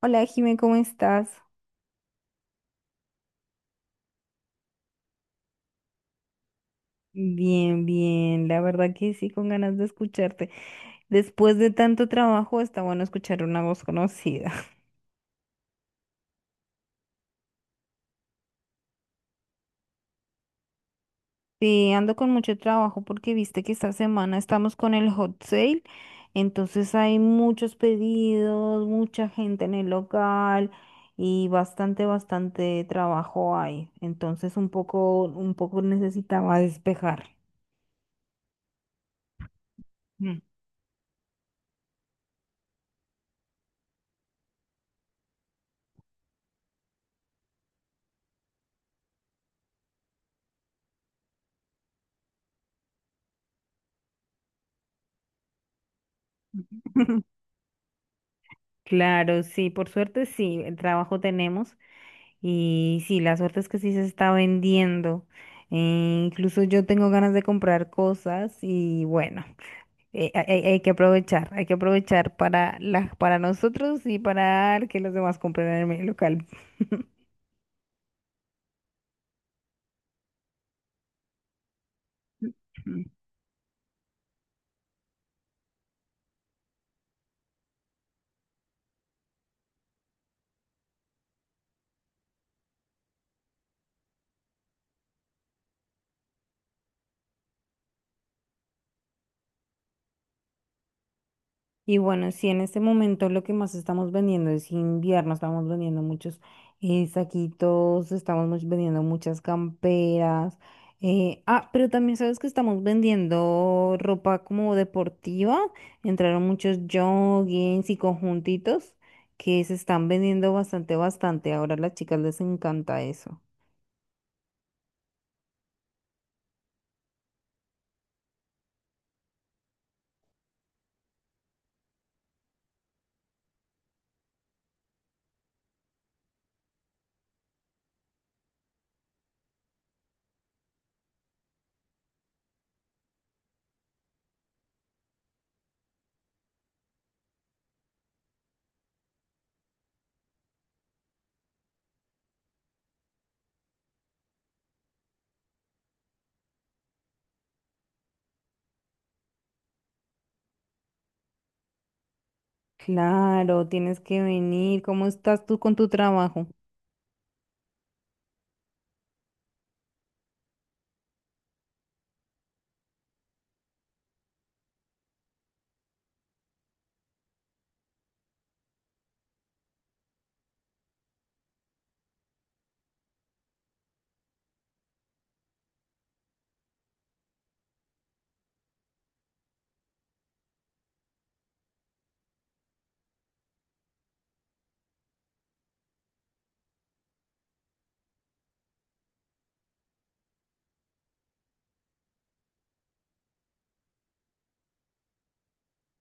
Hola, Jimé, ¿cómo estás? Bien, bien, la verdad que sí, con ganas de escucharte. Después de tanto trabajo, está bueno escuchar una voz conocida. Sí, ando con mucho trabajo porque viste que esta semana estamos con el hot sale, entonces hay muchos pedidos, mucha gente en el local y bastante, bastante trabajo hay. Entonces un poco necesitaba despejar. Mm. Claro, sí, por suerte sí, el trabajo tenemos. Y sí, la suerte es que sí se está vendiendo. Incluso yo tengo ganas de comprar cosas y bueno, hay que aprovechar, hay que aprovechar para, para nosotros y para que los demás compren en mi local. Y bueno, sí, en este momento lo que más estamos vendiendo es invierno, estamos vendiendo muchos saquitos, vendiendo muchas camperas. Pero también sabes que estamos vendiendo ropa como deportiva. Entraron muchos joggings y conjuntitos que se están vendiendo bastante, bastante. Ahora a las chicas les encanta eso. Claro, tienes que venir. ¿Cómo estás tú con tu trabajo?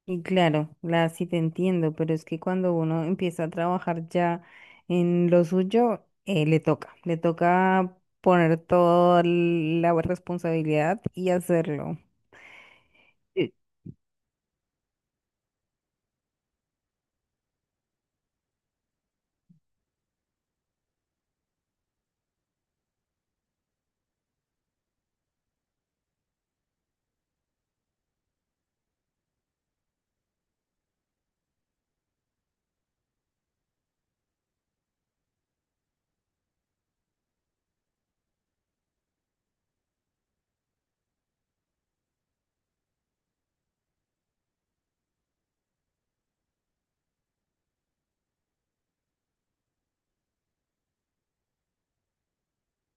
Y claro, la, sí te entiendo, pero es que cuando uno empieza a trabajar ya en lo suyo, le toca poner toda la responsabilidad y hacerlo.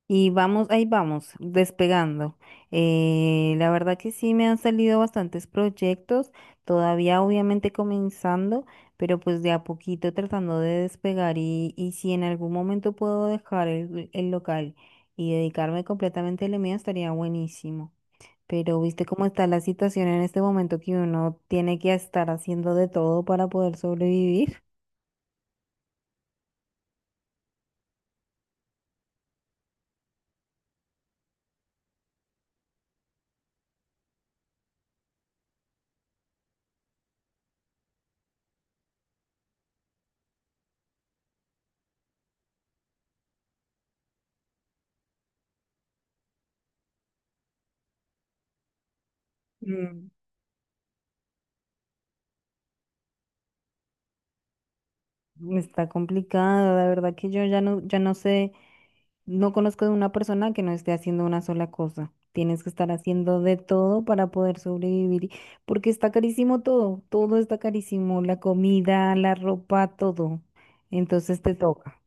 Y vamos, ahí vamos, despegando. La verdad que sí me han salido bastantes proyectos, todavía obviamente comenzando, pero pues de a poquito tratando de despegar y si en algún momento puedo dejar el local y dedicarme completamente a lo mío, estaría buenísimo. Pero viste cómo está la situación en este momento que uno tiene que estar haciendo de todo para poder sobrevivir. Mm. Está complicado, la verdad que yo ya no, ya no sé, no conozco de una persona que no esté haciendo una sola cosa. Tienes que estar haciendo de todo para poder sobrevivir, y- porque está carísimo todo, todo está carísimo, la comida, la ropa, todo. Entonces te toca.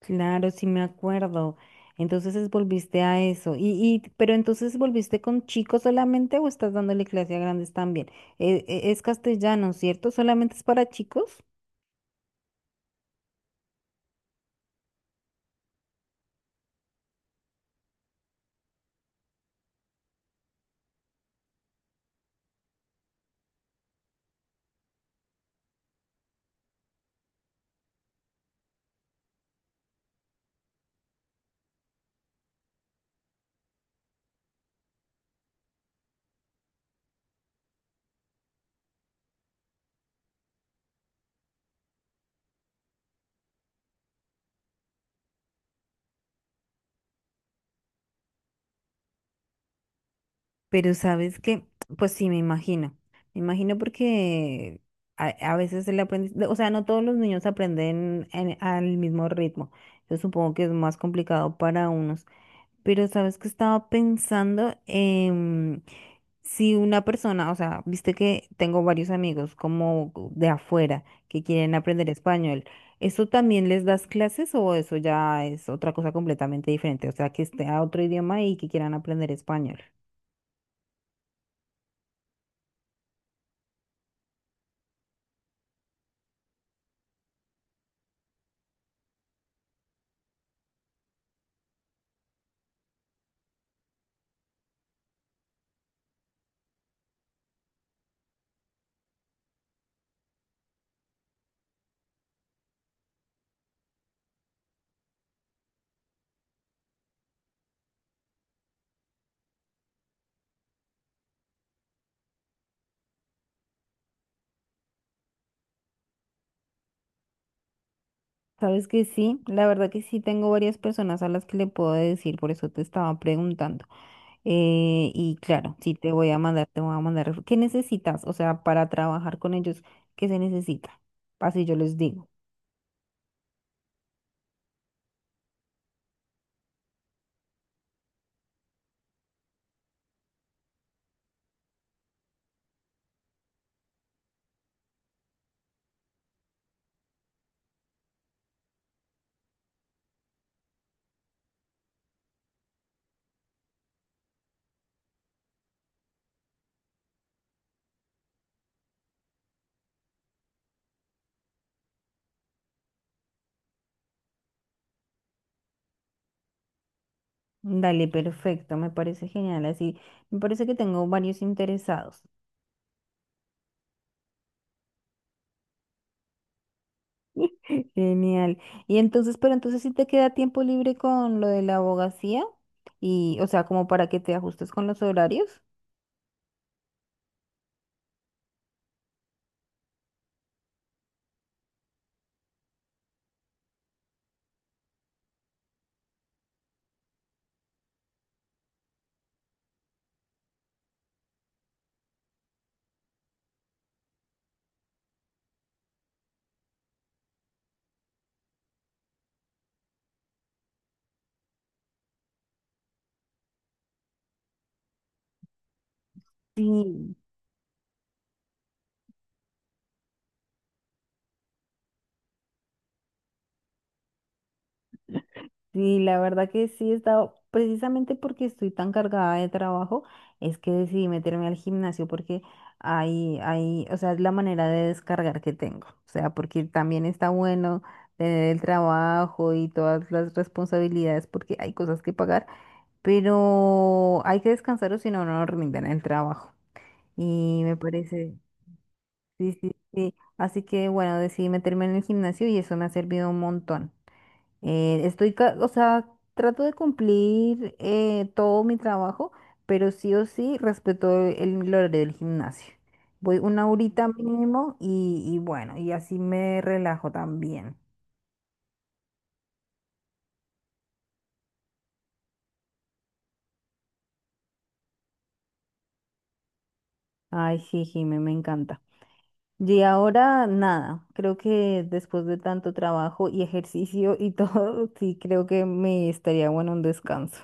Claro, sí me acuerdo. Entonces volviste a eso. Y, pero entonces ¿volviste con chicos solamente o estás dándole clase a grandes también? Es castellano, ¿cierto? ¿Solamente es para chicos? Pero sabes que, pues sí, me imagino. Me imagino porque a veces el aprendizaje, o sea, no todos los niños aprenden al mismo ritmo. Yo supongo que es más complicado para unos. Pero sabes que estaba pensando en si una persona, o sea, viste que tengo varios amigos como de afuera que quieren aprender español. ¿Eso también les das clases o eso ya es otra cosa completamente diferente? O sea, que esté a otro idioma y que quieran aprender español. Sabes que sí, la verdad que sí tengo varias personas a las que le puedo decir, por eso te estaba preguntando. Y claro, sí te voy a mandar, te voy a mandar. ¿Qué necesitas? O sea, para trabajar con ellos, ¿qué se necesita? Así yo les digo. Dale, perfecto, me parece genial. Así, me parece que tengo varios interesados. Genial. Y entonces, pero entonces sí te queda tiempo libre con lo de la abogacía y, o sea, como para que te ajustes con los horarios. Sí, sí, la verdad que sí he estado, precisamente porque estoy tan cargada de trabajo, es que decidí meterme al gimnasio porque ahí, ahí, o sea, es la manera de descargar que tengo. O sea, porque también está bueno tener el trabajo y todas las responsabilidades porque hay cosas que pagar, pero hay que descansar o si no, no rinden el trabajo. Y me parece, sí, sí, sí. Así que bueno, decidí meterme en el gimnasio y eso me ha servido un montón. O sea, trato de cumplir todo mi trabajo, pero sí o sí respeto el horario del gimnasio. Voy una horita mínimo y bueno, y así me relajo también. Ay, sí, Jimé, me encanta. Y ahora nada, creo que después de tanto trabajo y ejercicio y todo, sí creo que me estaría bueno un descanso.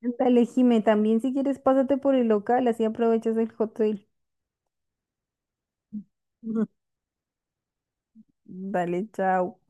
Dale, Jimé, también si quieres pásate por el local, así aprovechas el hotel. Vale, chao.